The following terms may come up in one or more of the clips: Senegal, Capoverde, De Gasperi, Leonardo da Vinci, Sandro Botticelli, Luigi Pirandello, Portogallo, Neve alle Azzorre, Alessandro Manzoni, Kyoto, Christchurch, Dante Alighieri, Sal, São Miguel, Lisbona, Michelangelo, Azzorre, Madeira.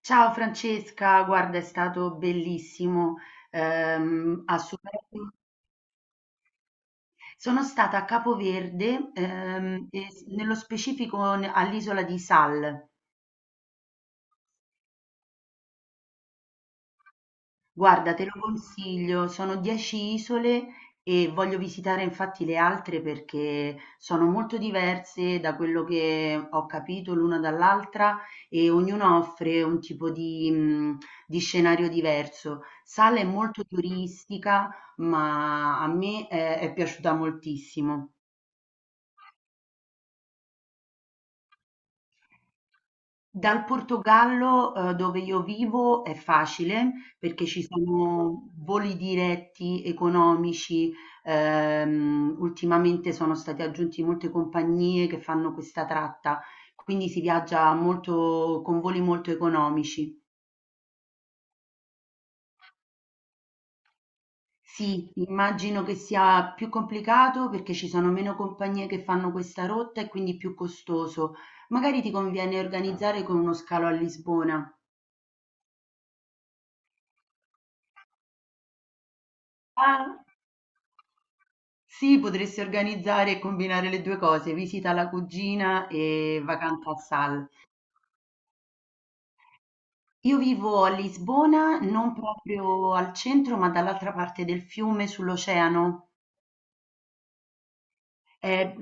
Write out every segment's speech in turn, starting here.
Ciao Francesca, guarda, è stato bellissimo. ehm, a Super- Sono stata a Capoverde, e nello specifico all'isola di Sal. Guarda, te lo consiglio, sono 10 isole e voglio visitare infatti le altre, perché sono molto diverse, da quello che ho capito, l'una dall'altra, e ognuna offre un tipo di scenario diverso. Sala è molto turistica, ma a me è piaciuta moltissimo. Dal Portogallo, dove io vivo, è facile perché ci sono voli diretti economici. Ultimamente sono state aggiunti molte compagnie che fanno questa tratta, quindi si viaggia molto con voli molto economici. Sì, immagino che sia più complicato, perché ci sono meno compagnie che fanno questa rotta e quindi più costoso. Magari ti conviene organizzare con uno scalo a Lisbona. Ah. Sì, potresti organizzare e combinare le due cose: visita alla cugina e vacanza a Sal. Io vivo a Lisbona, non proprio al centro, ma dall'altra parte del fiume, sull'oceano. È,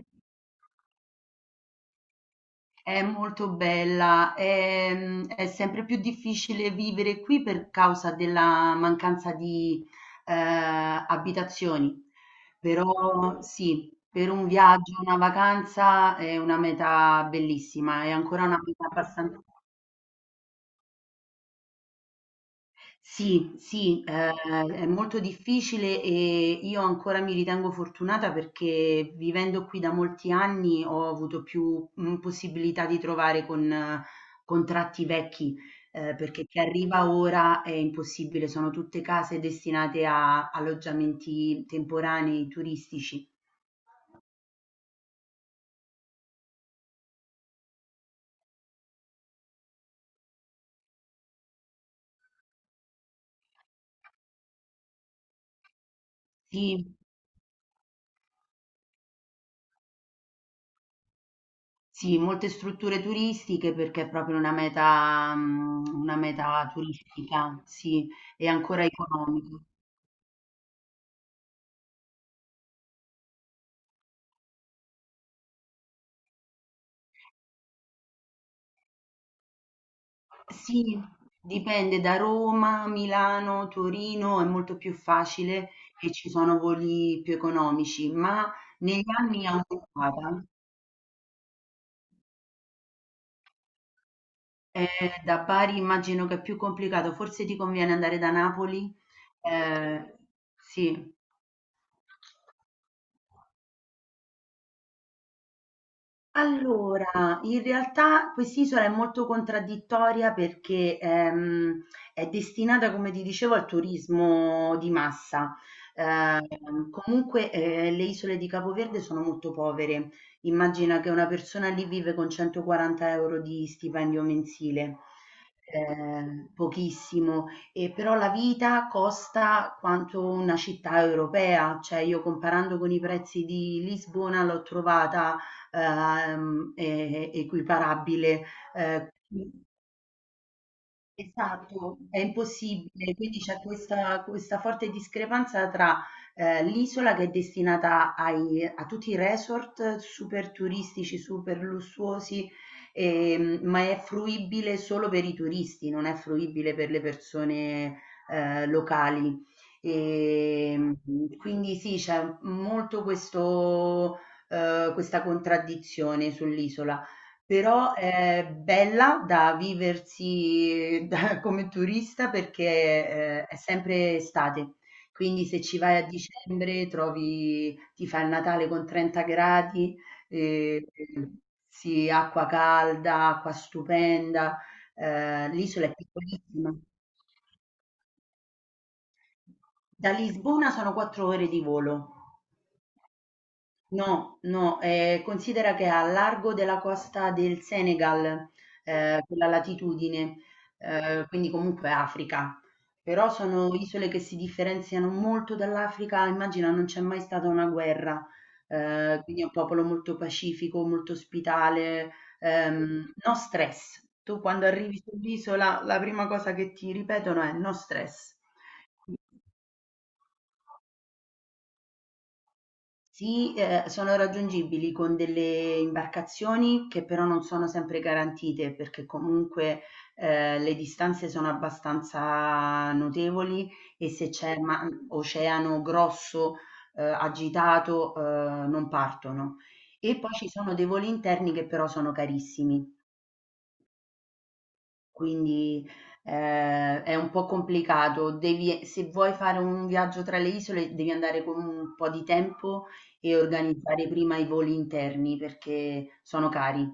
è molto bella. È sempre più difficile vivere qui per causa della mancanza di abitazioni. Però sì, per un viaggio, una vacanza è una meta bellissima, è ancora una meta abbastanza. Sì, sì, è molto difficile e io ancora mi ritengo fortunata, perché vivendo qui da molti anni ho avuto più possibilità di trovare con contratti vecchi, perché chi arriva ora è impossibile, sono tutte case destinate a alloggiamenti temporanei turistici. Sì, sì, molte strutture turistiche perché è proprio una meta turistica, sì, e ancora economica. Sì, dipende. Da Roma, Milano, Torino è molto più facile e ci sono voli più economici, ma negli anni è aumentata. Eh, da Bari immagino che è più complicato, forse ti conviene andare da Napoli. Eh, sì. Allora, in realtà quest'isola è molto contraddittoria, perché è destinata, come ti dicevo, al turismo di massa. Comunque le isole di Capoverde sono molto povere. Immagina che una persona lì vive con 140 euro di stipendio mensile. Pochissimo, e però la vita costa quanto una città europea, cioè io comparando con i prezzi di Lisbona l'ho trovata equiparabile. ehm Esatto, è impossibile. Quindi c'è questa forte discrepanza tra, l'isola che è destinata ai a tutti i resort super turistici, super lussuosi, ma è fruibile solo per i turisti, non è fruibile per le persone locali. Ehm, quindi sì, c'è molto questo questa contraddizione sull'isola. Però è bella da viversi come turista, perché è sempre estate, quindi se ci vai a dicembre trovi, ti fa il Natale con 30 gradi. Eh, sì, acqua calda, acqua stupenda. L'isola è piccolissima. Da Lisbona sono 4 ore di volo. No, no, considera che è a largo della costa del Senegal, quella latitudine, quindi comunque Africa. Però sono isole che si differenziano molto dall'Africa, immagina, non c'è mai stata una guerra, quindi è un popolo molto pacifico, molto ospitale, no stress. Tu quando arrivi sull'isola la prima cosa che ti ripetono è no stress. Sì, sono raggiungibili con delle imbarcazioni che però non sono sempre garantite, perché comunque le distanze sono abbastanza notevoli e se c'è oceano grosso, agitato, non partono. E poi ci sono dei voli interni che però sono carissimi. Quindi è un po' complicato. Devi, se vuoi fare un viaggio tra le isole, devi andare con un po' di tempo e organizzare prima i voli interni perché sono cari.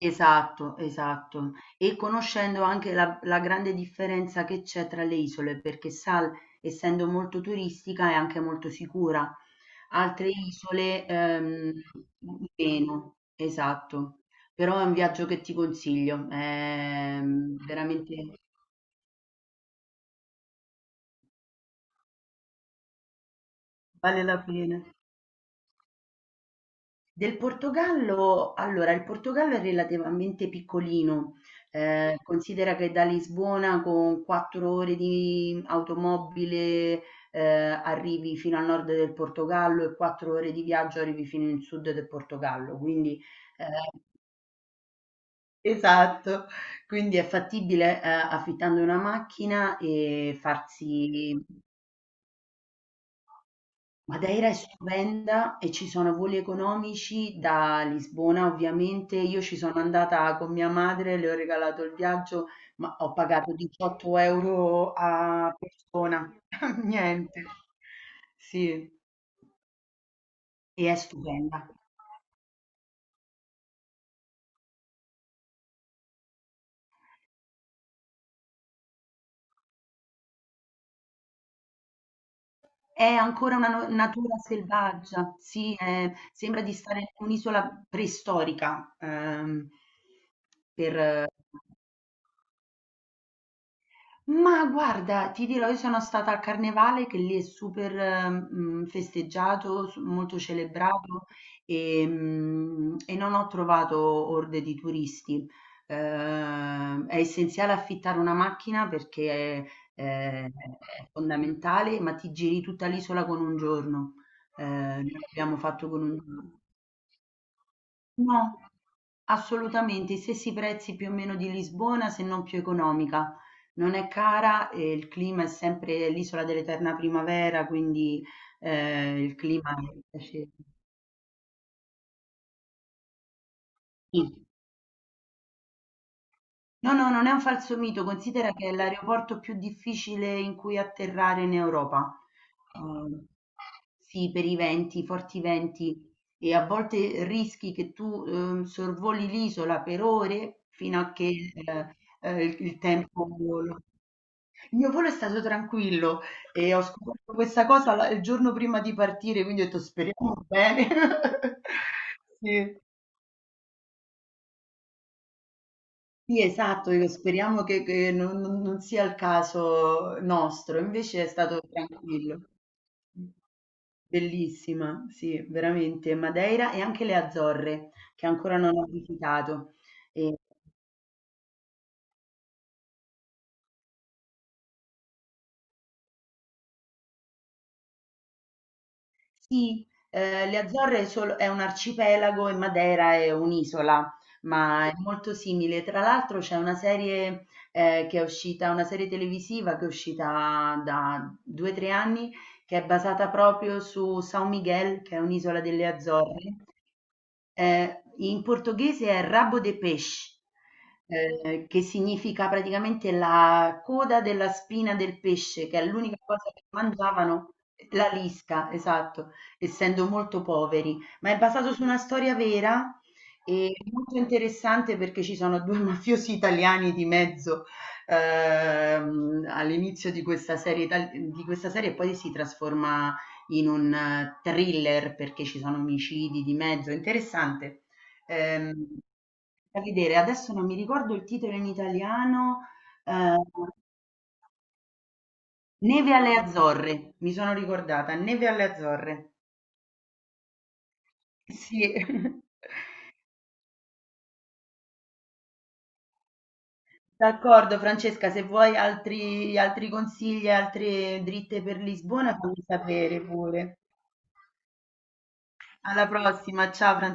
Esatto, esatto. E conoscendo anche la grande differenza che c'è tra le isole, perché Sal, essendo molto turistica, è anche molto sicura. Altre isole, meno, esatto. Però è un viaggio che ti consiglio, veramente vale la pena. Del Portogallo allora, il Portogallo è relativamente piccolino, considera che da Lisbona con 4 ore di automobile arrivi fino al nord del Portogallo, e 4 ore di viaggio arrivi fino in sud del Portogallo, quindi ehm esatto, quindi è fattibile, affittando una macchina e farsi. Madeira è stupenda e ci sono voli economici da Lisbona, ovviamente. Io ci sono andata con mia madre, le ho regalato il viaggio, ma ho pagato 18 euro a persona. Niente. Sì, e è stupenda. È ancora una natura selvaggia, sì, sembra di stare in un'isola preistorica, per, ma guarda, ti dirò, io sono stata al carnevale che lì è super festeggiato, s molto celebrato, e non ho trovato orde di turisti. È essenziale affittare una macchina perché, è fondamentale, ma ti giri tutta l'isola con un giorno. Noi l'abbiamo fatto con un giorno. No, assolutamente, i stessi prezzi più o meno di Lisbona, se non più economica. Non è cara e il clima è sempre l'isola dell'eterna primavera, quindi il clima è piacevole. Sì. No, no, non è un falso mito, considera che è l'aeroporto più difficile in cui atterrare in Europa. Ehm, sì, per i venti, i forti venti, e a volte rischi che tu sorvoli l'isola per ore fino a che il tempo. Il mio volo è stato tranquillo e ho scoperto questa cosa il giorno prima di partire, quindi ho detto speriamo bene. Sì, Sì, esatto, io speriamo che non sia il caso nostro, invece è stato tranquillo. Bellissima, sì, veramente. Madeira e anche le Azzorre, che ancora non ho visitato. E- Sì, le Azzorre sol è un arcipelago e Madeira è un'isola, ma è molto simile. Tra l'altro c'è una serie televisiva che è uscita da 2, 3 anni, che è basata proprio su São Miguel, che è un'isola delle Azzorre. In portoghese è Rabo de Peixe, che significa praticamente la coda della spina del pesce, che è l'unica cosa che mangiavano, la lisca, esatto, essendo molto poveri, ma è basato su una storia vera e molto interessante, perché ci sono due mafiosi italiani di mezzo all'inizio di questa serie e poi si trasforma in un thriller perché ci sono omicidi di mezzo, è interessante. Ehm, da vedere, adesso non mi ricordo il titolo in italiano. eh, Neve alle Azzorre, mi sono ricordata, Neve alle Azzorre. Sì. D'accordo Francesca, se vuoi altri consigli, altre dritte per Lisbona, fammi sapere pure. Alla prossima, ciao Francesca.